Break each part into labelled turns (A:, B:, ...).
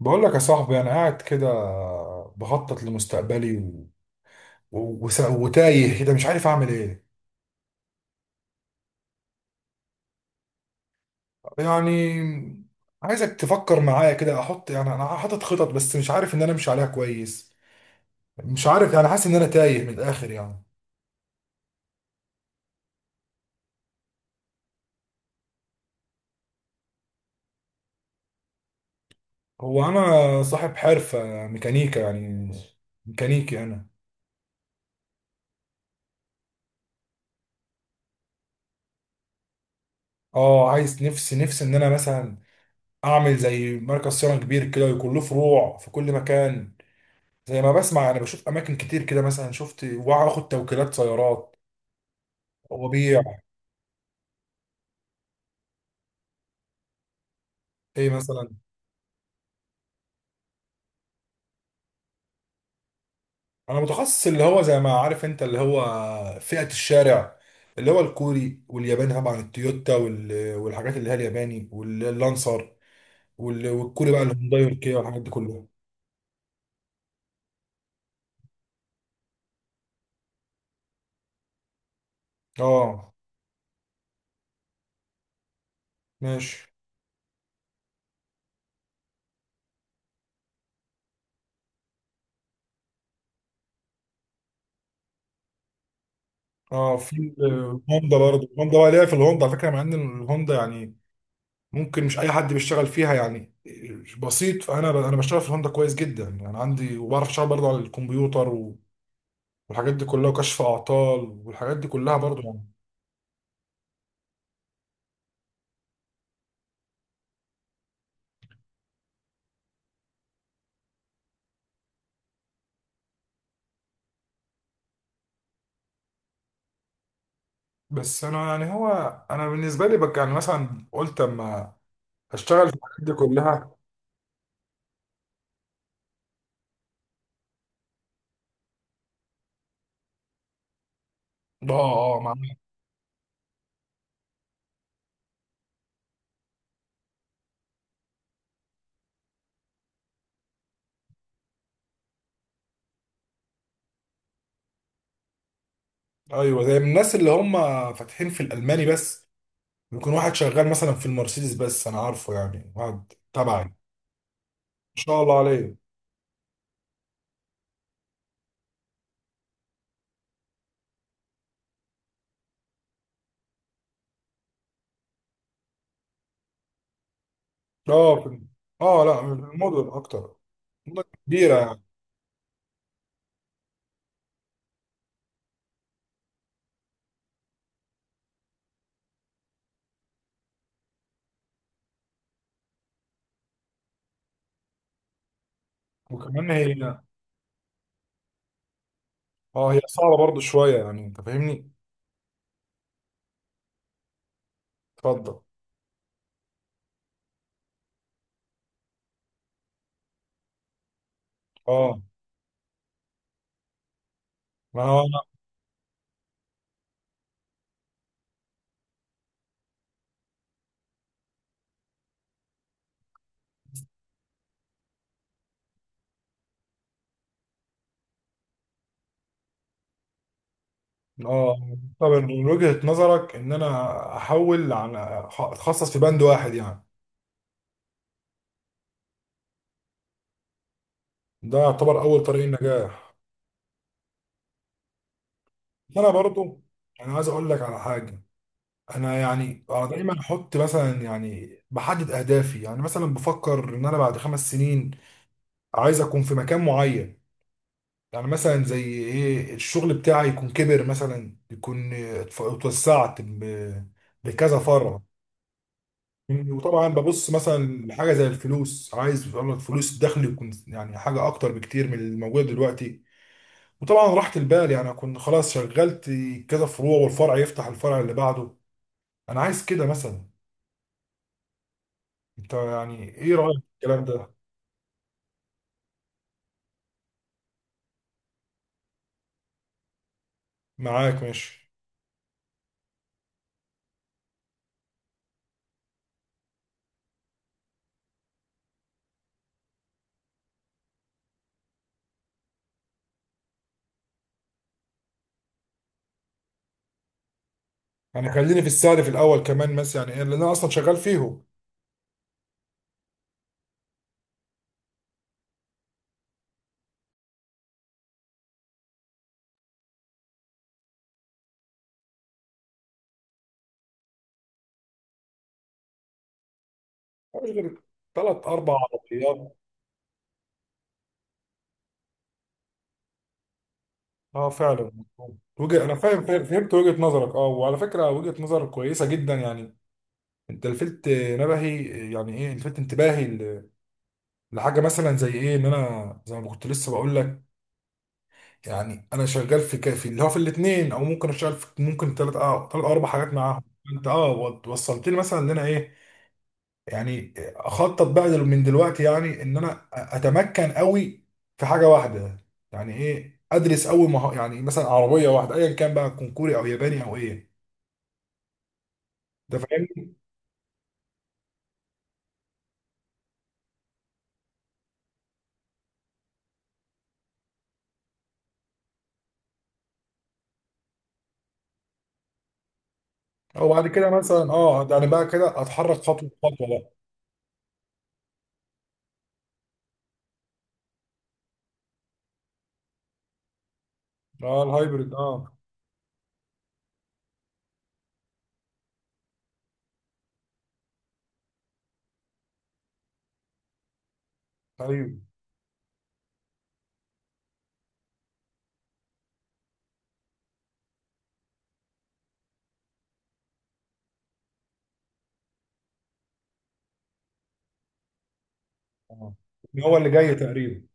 A: بقول لك يا صاحبي، انا قاعد كده بخطط لمستقبلي وتايه كده مش عارف اعمل ايه. يعني عايزك تفكر معايا كده، احط يعني انا حاطط خطط بس مش عارف ان امشي عليها كويس. مش عارف، يعني حاسس ان انا تايه من الاخر يعني. هو انا صاحب حرفة ميكانيكا، يعني ميكانيكي انا. اه، عايز، نفسي ان انا مثلا اعمل زي مركز صيانة كبير كده ويكون له فروع في كل مكان. زي ما بسمع انا بشوف اماكن كتير كده، مثلا شفت واخد توكيلات سيارات وبيع. ايه مثلا؟ انا متخصص اللي هو زي ما عارف انت، اللي هو فئة الشارع. اللي هو الكوري والياباني، طبعا التويوتا والحاجات اللي هي الياباني واللانسر، والكوري بقى الهونداي والكيا والحاجات دي كلها. اه، ماشي. اه، في الهوندا برضه، الهوندا بقى ليا، في الهوندا على فكره. مع ان الهوندا يعني ممكن مش اي حد بيشتغل فيها يعني. بسيط، فانا بشتغل في الهوندا كويس جدا يعني. عندي وبعرف اشتغل برضه على الكمبيوتر والحاجات دي كلها، وكشف اعطال والحاجات دي كلها برضه يعني. بس انا يعني، هو انا بالنسبه لي بك، يعني مثلا قلت اما هشتغل في الحاجات دي كلها. اه اه، مع. ايوه زي الناس اللي هم فاتحين في الالماني بس، بيكون واحد شغال مثلا في المرسيدس بس. انا عارفه يعني واحد تبعي، ما شاء الله عليه. اه، اه لا الموديل اكتر. مدن كبيرة. وكمان هي، اه هي صعبة برضو شوية، يعني انت فاهمني؟ اتفضل. اه ما هو انا. اه طب من وجهة نظرك ان انا احول، عن اتخصص في بند واحد، يعني ده يعتبر اول طريق النجاح. انا برضو، انا عايز اقول لك على حاجة. انا يعني انا دايما احط مثلا، يعني بحدد اهدافي. يعني مثلا بفكر ان انا بعد خمس سنين عايز اكون في مكان معين. يعني مثلا زي ايه، الشغل بتاعي يكون كبر، مثلا يكون اتوسعت بكذا فرع. وطبعا ببص مثلا لحاجه زي الفلوس، عايز والله الفلوس الدخل يكون يعني حاجه اكتر بكتير من الموجود دلوقتي. وطبعا راحه البال، يعني اكون خلاص شغلت كذا فروع والفرع يفتح الفرع اللي بعده. انا عايز كده مثلا. انت يعني ايه رايك في الكلام ده؟ معاك ماشي. يعني خليني في السعر في الاول كمان مثلا، يعني إيه، لان انا اصلا شغال فيهم. مش غير ثلاث اربع عربيات. اه فعلا. وجه، انا فاهم فهمت وجهة نظرك. اه وعلى فكرة وجهة نظر كويسة جدا يعني. انت لفت نبهي، يعني ايه، لفت انتباهي لحاجة مثلا زي ايه. ان انا زي ما كنت لسه بقول لك، يعني انا شغال في كافي اللي هو في الاثنين او ممكن اشتغل في، ممكن ثلاث اه ثلاث اربع حاجات معاهم. انت اه وصلت لي مثلا ان انا ايه، يعني اخطط بقى من دلوقتي يعني ان انا اتمكن قوي في حاجه واحده. يعني ايه، ادرس اول يعني مثلا عربيه واحده ايا كان بقى، تكون كوري او ياباني او ايه. ده فاهمني. او بعد كده مثلا اه، يعني بقى كده اتحرك خطوه بخطوه بقى. اه الهايبرد اه. ايوه. آه. هو اللي جاي تقريبا.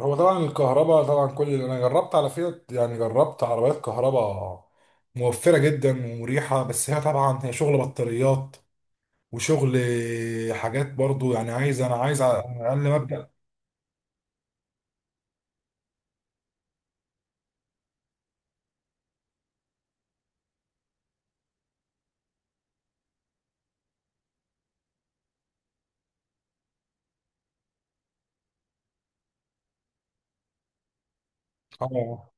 A: هو طبعا الكهرباء، طبعا كل اللي انا جربت على فيات، يعني جربت عربيات كهرباء موفره جدا ومريحه. بس هي طبعا هي شغل بطاريات وشغل حاجات برضو يعني. عايز انا عايز على اقل مبدأ. اه.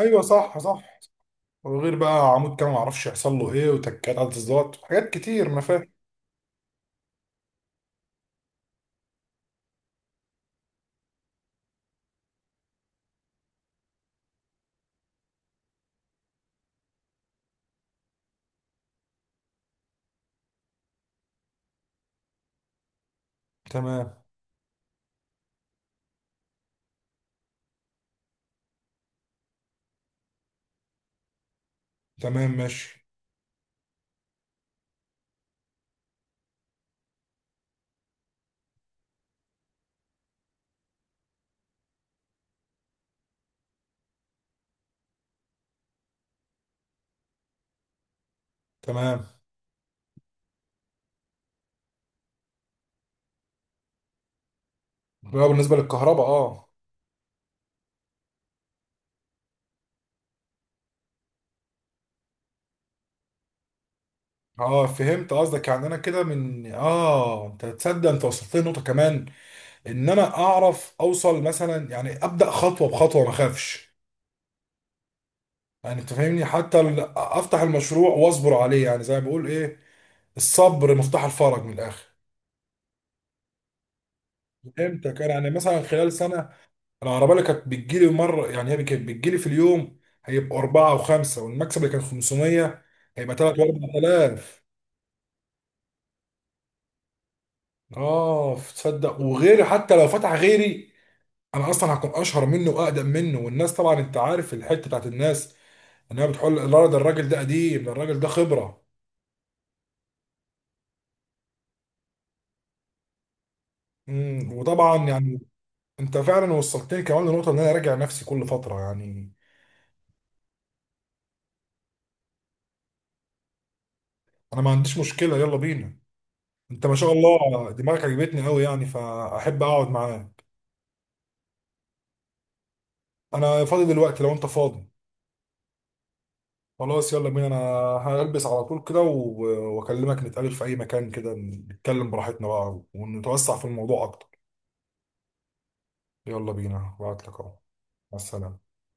A: ايوه صح صح. وغير بقى عمود كام ما اعرفش يحصل له ايه، وتكات على التظبيطات حاجات كتير ما فاهم. تمام. تمام ماشي. تمام. بقى بالنسبه للكهرباء اه. اه فهمت قصدك. يعني انا كده من اه انت تصدق، انت وصلت لي نقطه كمان، ان انا اعرف اوصل مثلا يعني ابدا خطوه بخطوه ما اخافش. يعني انت فاهمني، حتى افتح المشروع واصبر عليه. يعني زي ما بقول ايه، الصبر مفتاح الفرج من الاخر. امتى كان يعني مثلا خلال سنه العربيه اللي كانت بتجيلي مره، يعني هي كانت بتجيلي في اليوم هيبقى اربعه وخمسه، والمكسب اللي كان 500 هيبقى 3 و 4000. اه تصدق، وغيري حتى لو فتح غيري انا اصلا هكون اشهر منه واقدم منه. والناس طبعا انت عارف الحته بتاعت الناس، انها بتقول لا، ده الراجل ده قديم، ده الراجل ده خبره. وطبعا يعني انت فعلا وصلتني كمان لنقطه ان انا راجع نفسي كل فتره يعني. انا ما عنديش مشكله، يلا بينا. انت ما شاء الله دماغك عجبتني قوي يعني، فاحب اقعد معاك. انا فاضي دلوقتي لو انت فاضي. خلاص يلا بينا. انا هلبس على طول كده واكلمك، نتقابل في اي مكان كده، نتكلم براحتنا بقى ونتوسع في الموضوع اكتر. يلا بينا. بعتلك اهو. مع السلامة.